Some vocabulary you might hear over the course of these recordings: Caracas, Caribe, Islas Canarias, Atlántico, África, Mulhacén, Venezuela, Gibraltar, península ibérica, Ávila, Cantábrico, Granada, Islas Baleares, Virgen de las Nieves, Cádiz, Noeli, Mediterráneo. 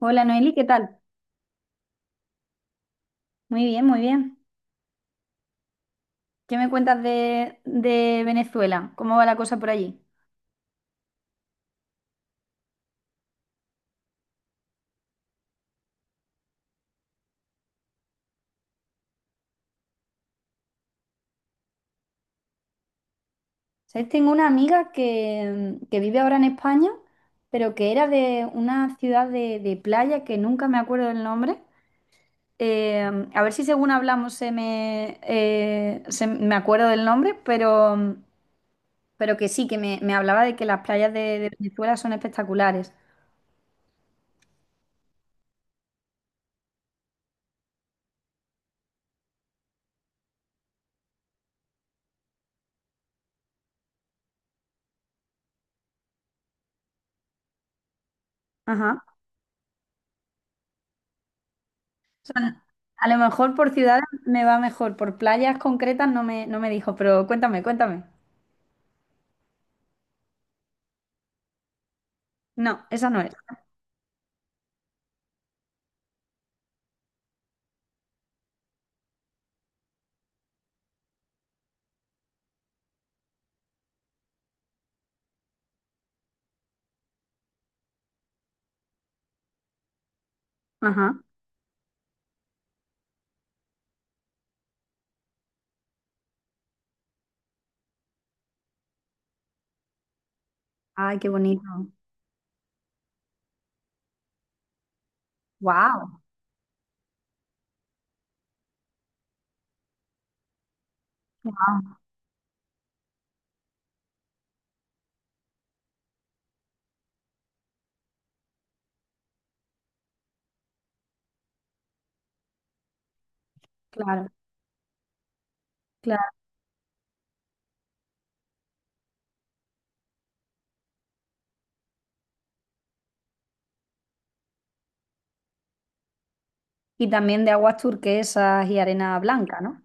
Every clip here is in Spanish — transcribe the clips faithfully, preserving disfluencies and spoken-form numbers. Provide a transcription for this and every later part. Hola Noeli, ¿qué tal? Muy bien, muy bien. ¿Qué me cuentas de, de Venezuela? ¿Cómo va la cosa por allí? ¿Sabes? Tengo una amiga que, mm, que vive ahora en España, pero que era de una ciudad de, de playa que nunca me acuerdo del nombre. Eh, a ver si según hablamos se me, eh, se me acuerdo del nombre, pero, pero que sí, que me, me hablaba de que las playas de, de Venezuela son espectaculares. Ajá. sea, a lo mejor por ciudades me va mejor, por playas concretas no me, no me dijo, pero cuéntame, cuéntame. No, esa no es. Ajá. Ay, qué bonito. Wow. Wow. Claro, claro. Y también de aguas turquesas y arena blanca, ¿no?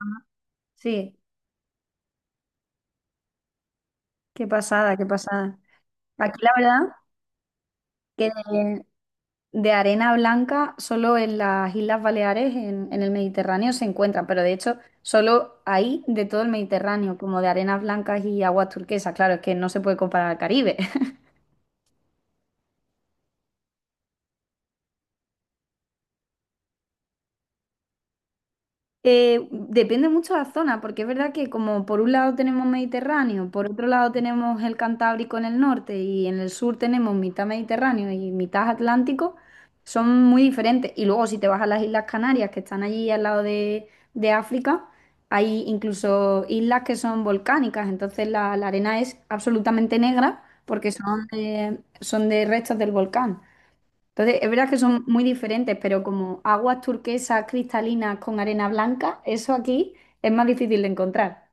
Ajá. Sí, qué pasada, qué pasada. Aquí la verdad que de arena blanca, solo en las Islas Baleares, en, en el Mediterráneo, se encuentran, pero de hecho, solo ahí de todo el Mediterráneo, como de arenas blancas y aguas turquesas. Claro, es que no se puede comparar al Caribe. Eh, depende mucho de la zona, porque es verdad que como por un lado tenemos Mediterráneo, por otro lado tenemos el Cantábrico en el norte y en el sur tenemos mitad Mediterráneo y mitad Atlántico, son muy diferentes. Y luego si te vas a las Islas Canarias, que están allí al lado de, de África, hay incluso islas que son volcánicas, entonces la, la arena es absolutamente negra porque son de- son de restos del volcán. Entonces, es verdad que son muy diferentes, pero como aguas turquesas cristalinas con arena blanca, eso aquí es más difícil de encontrar.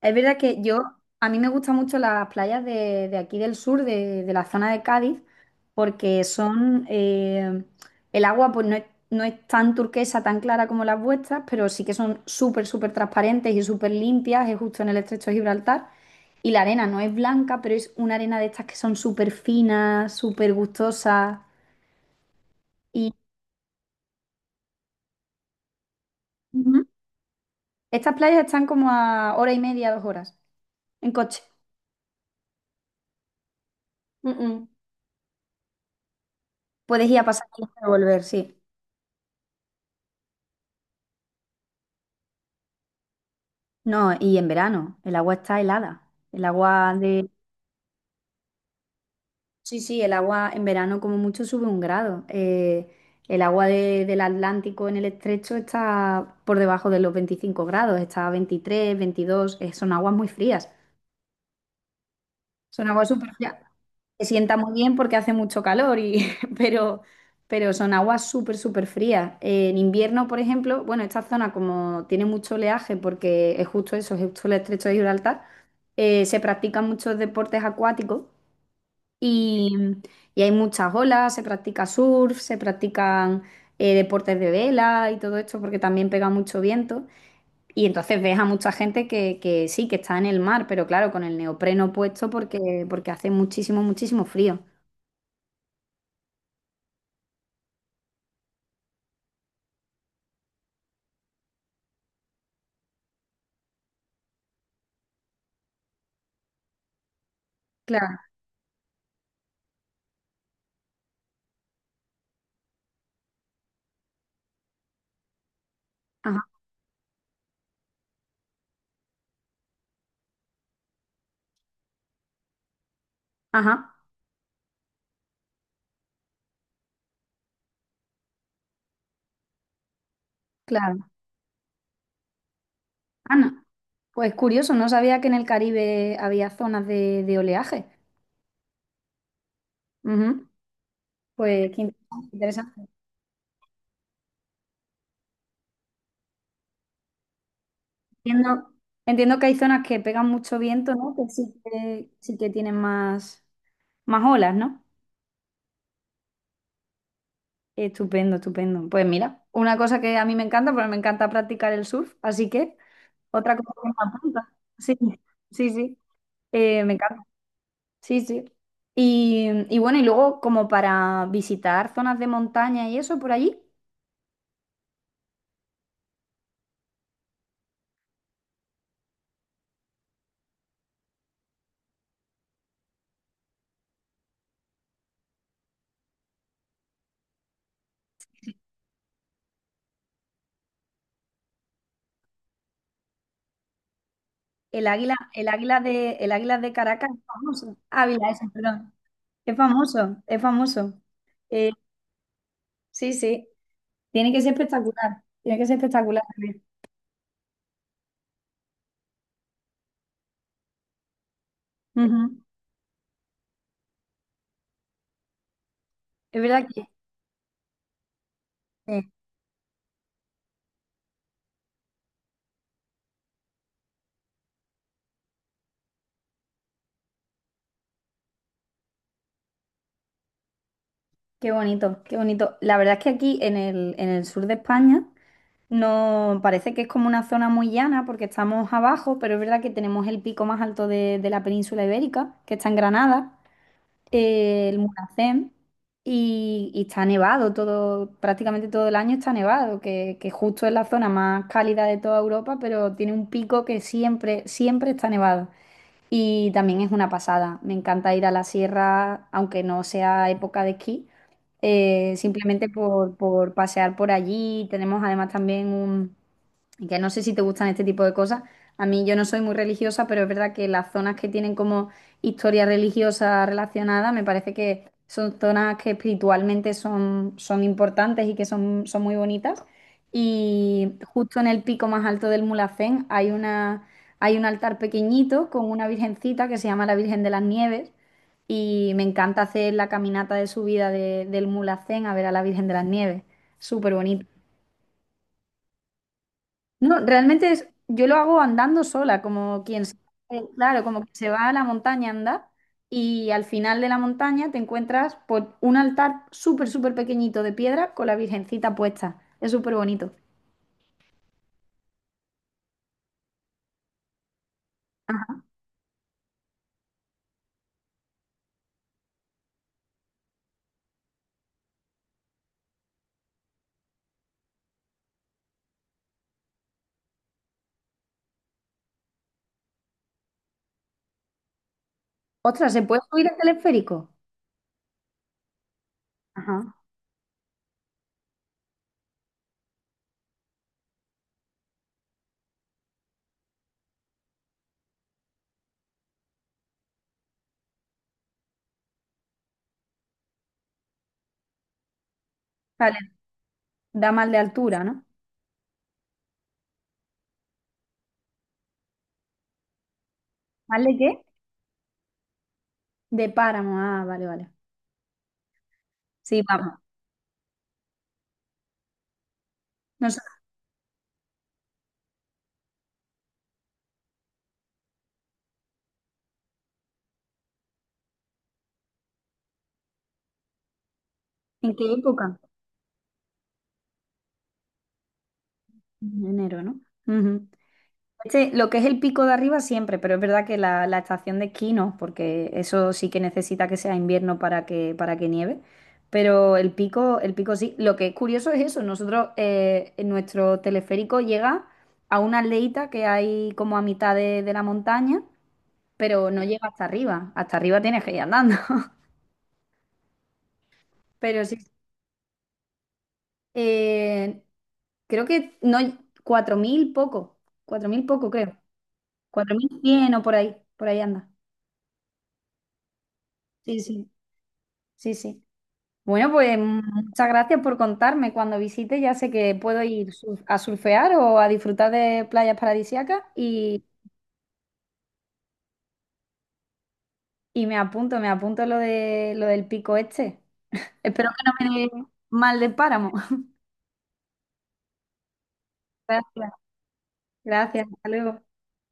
Es verdad que yo, a mí me gustan mucho las playas de, de aquí del sur, de, de la zona de Cádiz, porque son, eh, el agua pues no es, no es tan turquesa, tan clara como las vuestras, pero sí que son súper, súper transparentes y súper limpias, es justo en el estrecho de Gibraltar. Y la arena no es blanca, pero es una arena de estas que son súper finas, súper gustosas. Ujú. Estas playas están como a hora y media, dos horas, en coche. Mm, Puedes ir a pasar y a volver, sí. No, y en verano, el agua está helada. El agua de... Sí, sí, el agua en verano como mucho sube un grado. Eh, el agua de- del Atlántico en el estrecho está por debajo de los veinticinco grados, está a veintitrés, veintidós, eh, son aguas muy frías. Son aguas súper frías. Se sienta muy bien porque hace mucho calor, y, pero, pero, son aguas súper, súper frías. Eh, en invierno, por ejemplo, bueno, esta zona como tiene mucho oleaje porque es justo eso, es justo el estrecho de Gibraltar, eh, se practican muchos deportes acuáticos y, y, hay muchas olas, se practica surf, se practican eh, deportes de vela y todo esto porque también pega mucho viento. Y entonces ves a mucha gente que, que, sí, que está en el mar, pero claro, con el neopreno puesto porque, porque hace muchísimo, muchísimo frío. Claro, ajá, ajá, claro. Ana, pues curioso, no sabía que en el Caribe había zonas de, de oleaje. Ujú. Pues qué interesante. Entiendo, entiendo que hay zonas que pegan mucho viento, ¿no? Que sí que, sí que tienen más, más olas, ¿no? Estupendo, estupendo. Pues mira, una cosa que a mí me encanta, porque me encanta practicar el surf, así que otra cosa que me apunta. Sí, sí, sí. Eh, me encanta. Sí, sí. Y, y, bueno, y luego como para visitar zonas de montaña y eso por allí, el águila, el águila de, el águila de Caracas es famoso. Ávila, ese, perdón. Es famoso, es famoso. Eh, sí, sí. Tiene que ser espectacular. Tiene que ser espectacular también. Ujú. Es verdad que sí. Qué bonito, qué bonito. La verdad es que aquí en el, en el, sur de España. No, parece que es como una zona muy llana porque estamos abajo, pero es verdad que tenemos el pico más alto de, de la península ibérica, que está en Granada, eh, el Mulhacén, y, y, está nevado todo, prácticamente todo el año está nevado, que, que justo es la zona más cálida de toda Europa, pero tiene un pico que siempre, siempre está nevado. Y también es una pasada. Me encanta ir a la sierra, aunque no sea época de esquí, eh, simplemente por, por pasear por allí. Tenemos además también un, y que no sé si te gustan este tipo de cosas. A mí yo no soy muy religiosa, pero es verdad que las zonas que tienen como historia religiosa relacionada, me parece que son zonas que espiritualmente son, son importantes y que son, son muy bonitas. Y justo en el pico más alto del Mulhacén hay una, hay un altar pequeñito con una virgencita que se llama la Virgen de las Nieves. Y me encanta hacer la caminata de subida de- del Mulhacén a ver a la Virgen de las Nieves. Súper bonito. No, realmente es, yo lo hago andando sola, como quien se, eh, claro, como que se va a la montaña a andar y al final de la montaña te encuentras por un altar súper, súper pequeñito de piedra con la Virgencita puesta. Es súper bonito. Ajá. Ostras, ¿se puede subir al teleférico? Ajá. Vale, da mal de altura, ¿no? ¿Mal de qué? De páramo, ah, vale, vale. Sí, vamos. No sé, ¿en qué época? En enero, ¿no? Ujú. Este- lo que es el pico de arriba siempre, pero es verdad que la, la estación de esquí no, porque eso sí que necesita que sea invierno para que, para que, nieve. Pero el pico, el pico sí. Lo que es curioso es eso. Nosotros, eh, en nuestro teleférico llega a una aldeita que hay como a mitad de, de la montaña, pero no llega hasta arriba. Hasta arriba tienes que ir andando. Pero sí, eh, creo que no, cuatro mil poco, cuatro mil poco creo. cuatro mil cien o por ahí, por ahí anda. Sí, sí. Sí, sí. Bueno, pues muchas gracias por contarme. Cuando visite ya sé que puedo ir sur- a surfear o a disfrutar de playas paradisíacas y, y, me apunto, me apunto lo de lo del pico este. Espero que no me dé mal de páramo. Gracias, gracias. Hasta luego.